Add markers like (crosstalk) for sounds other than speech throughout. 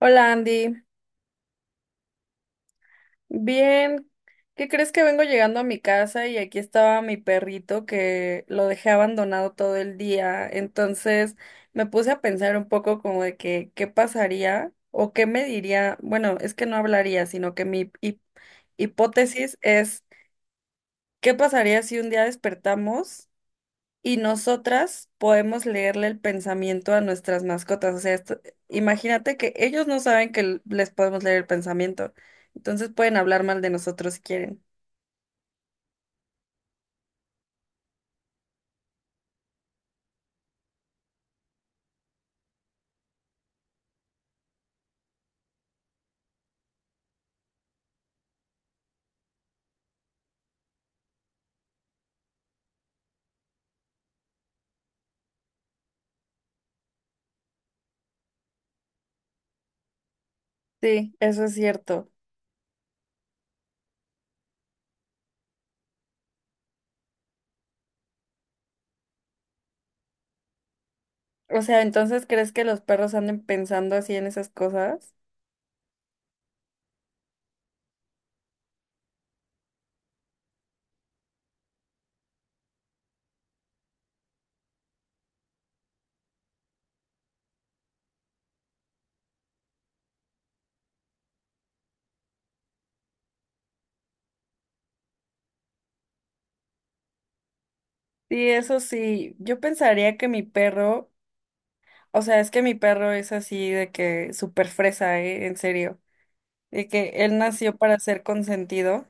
Hola Andy, bien. ¿Qué crees? Que vengo llegando a mi casa y aquí estaba mi perrito que lo dejé abandonado todo el día. Entonces, me puse a pensar un poco como de que qué pasaría o qué me diría. Bueno, es que no hablaría, sino que mi hipótesis es qué pasaría si un día despertamos y nosotras podemos leerle el pensamiento a nuestras mascotas. O sea, imagínate que ellos no saben que les podemos leer el pensamiento. Entonces pueden hablar mal de nosotros si quieren. Sí, eso es cierto. O sea, entonces, ¿crees que los perros anden pensando así en esas cosas? Sí, eso sí. Yo pensaría que mi perro, o sea, es que mi perro es así de que súper fresa, ¿eh? En serio. De que él nació para ser consentido.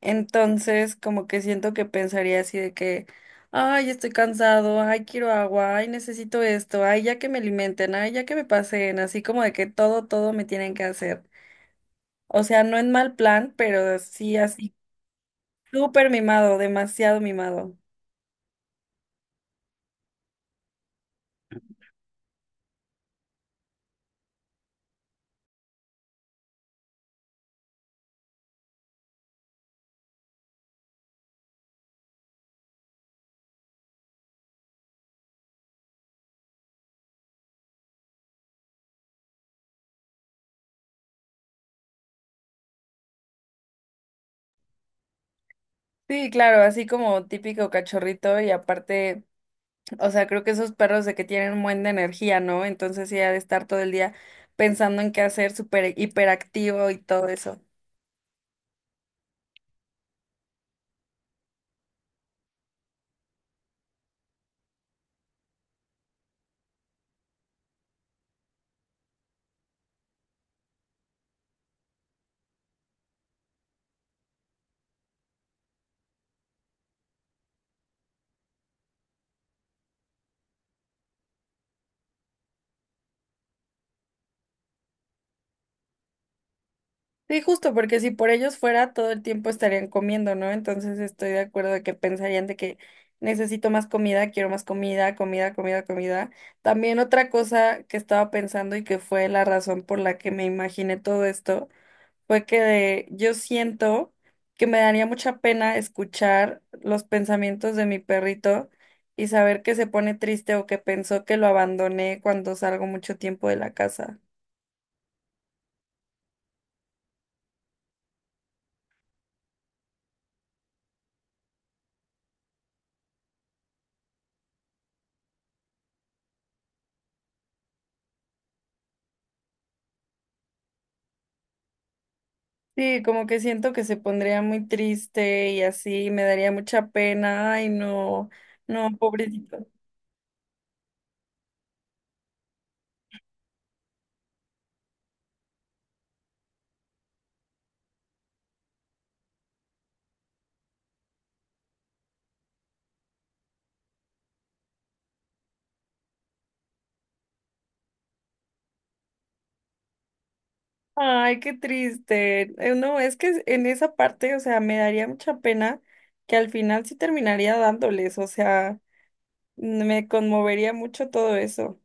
Entonces, como que siento que pensaría así de que ay, estoy cansado, ay, quiero agua, ay, necesito esto, ay, ya que me alimenten, ay, ya que me pasen, así como de que todo, todo me tienen que hacer. O sea, no en mal plan, pero sí así, súper mimado, demasiado mimado. Sí, claro, así como típico cachorrito y aparte, o sea, creo que esos perros de que tienen un buen de energía, ¿no? Entonces sí, ha de estar todo el día pensando en qué hacer, súper hiperactivo y todo eso. Sí, justo porque si por ellos fuera, todo el tiempo estarían comiendo, ¿no? Entonces estoy de acuerdo de que pensarían de que necesito más comida, quiero más comida, comida, comida, comida. También otra cosa que estaba pensando y que fue la razón por la que me imaginé todo esto, fue que yo siento que me daría mucha pena escuchar los pensamientos de mi perrito y saber que se pone triste o que pensó que lo abandoné cuando salgo mucho tiempo de la casa. Sí, como que siento que se pondría muy triste y así me daría mucha pena. Ay, no, no, pobrecito. Ay, qué triste. No, es que en esa parte, o sea, me daría mucha pena que al final sí terminaría dándoles, o sea, me conmovería mucho todo eso.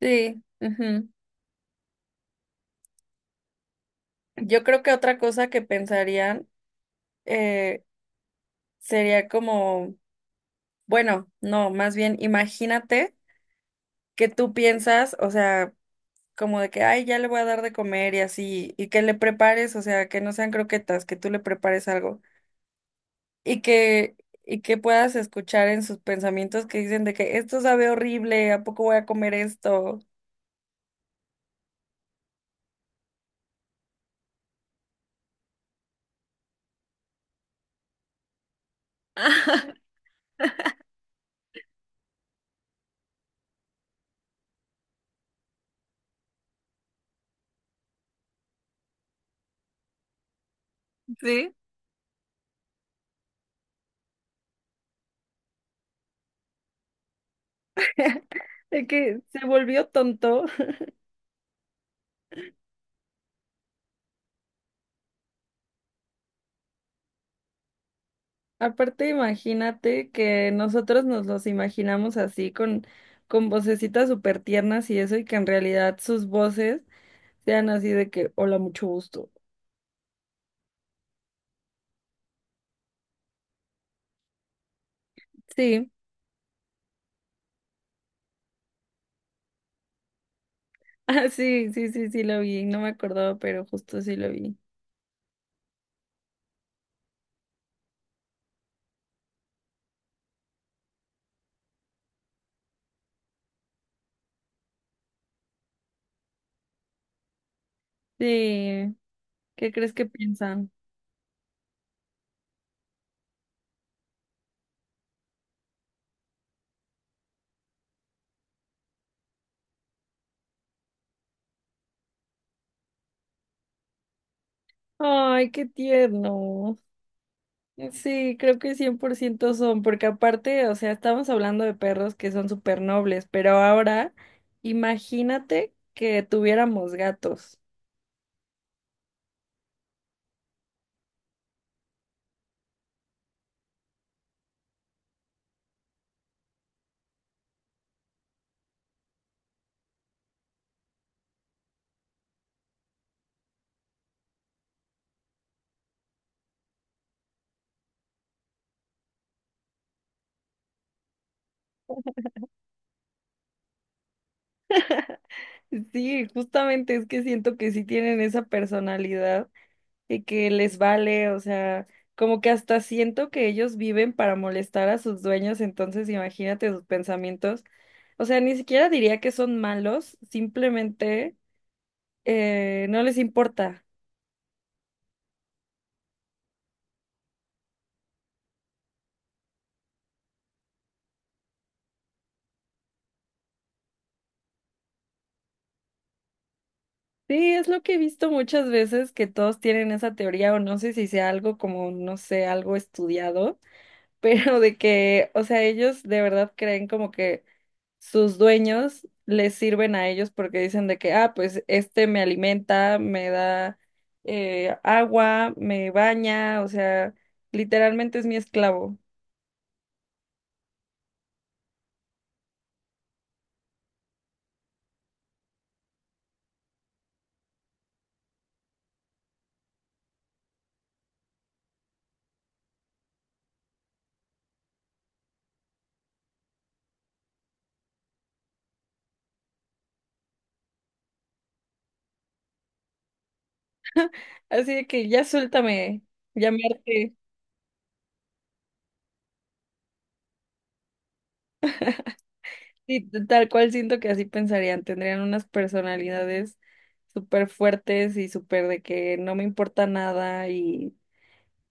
Sí, ujú. Yo creo que otra cosa que pensarían, eh, sería como, bueno, no, más bien imagínate que tú piensas, o sea, como de que ay, ya le voy a dar de comer y así, y que le prepares, o sea, que no sean croquetas, que tú le prepares algo y que y que puedas escuchar en sus pensamientos que dicen de que esto sabe horrible. ¿A poco voy a comer esto? (laughs) Sí. De que se volvió tonto. (laughs) Aparte, imagínate que nosotros nos los imaginamos así con vocecitas súper tiernas y eso, y que en realidad sus voces sean así de que hola, mucho gusto. Sí. Ah, sí, sí, sí, sí lo vi, no me acordaba, pero justo sí lo vi. Sí, ¿qué crees que piensan? Ay, qué tierno. Sí, creo que 100% son, porque aparte, o sea, estamos hablando de perros que son súper nobles, pero ahora imagínate que tuviéramos gatos. Sí, justamente es que siento que sí tienen esa personalidad, y que les vale, o sea, como que hasta siento que ellos viven para molestar a sus dueños, entonces imagínate sus pensamientos. O sea, ni siquiera diría que son malos, simplemente no les importa. Sí, es lo que he visto muchas veces que todos tienen esa teoría, o no sé si sea algo como, no sé, algo estudiado, (laughs) pero de que, o sea, ellos de verdad creen como que sus dueños les sirven a ellos porque dicen de que ah, pues este me alimenta, me da, agua, me baña, o sea, literalmente es mi esclavo. Así de que ya suéltame, ya me harté. Sí, tal cual siento que así pensarían, tendrían unas personalidades súper fuertes y súper de que no me importa nada, y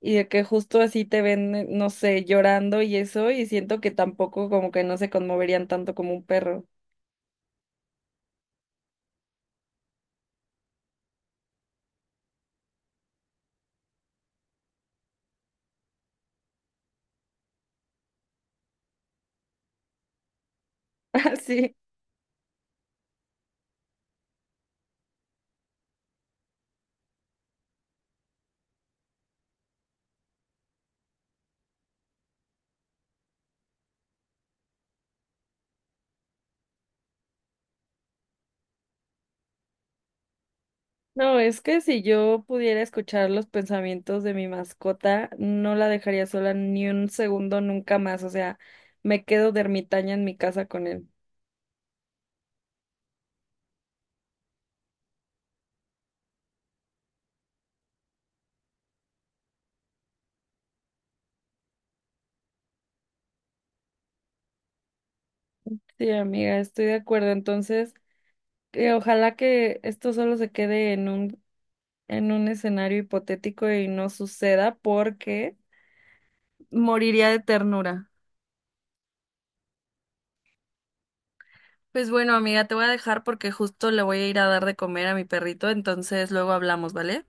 y de que justo así te ven, no sé, llorando y eso, y siento que tampoco como que no se conmoverían tanto como un perro. (laughs) Sí, no, es que si yo pudiera escuchar los pensamientos de mi mascota, no la dejaría sola ni un segundo nunca más, o sea, me quedo de ermitaña en mi casa con él. Sí, amiga, estoy de acuerdo. Entonces, que ojalá que esto solo se quede en en un escenario hipotético y no suceda porque moriría de ternura. Pues bueno, amiga, te voy a dejar porque justo le voy a ir a dar de comer a mi perrito, entonces luego hablamos, ¿vale?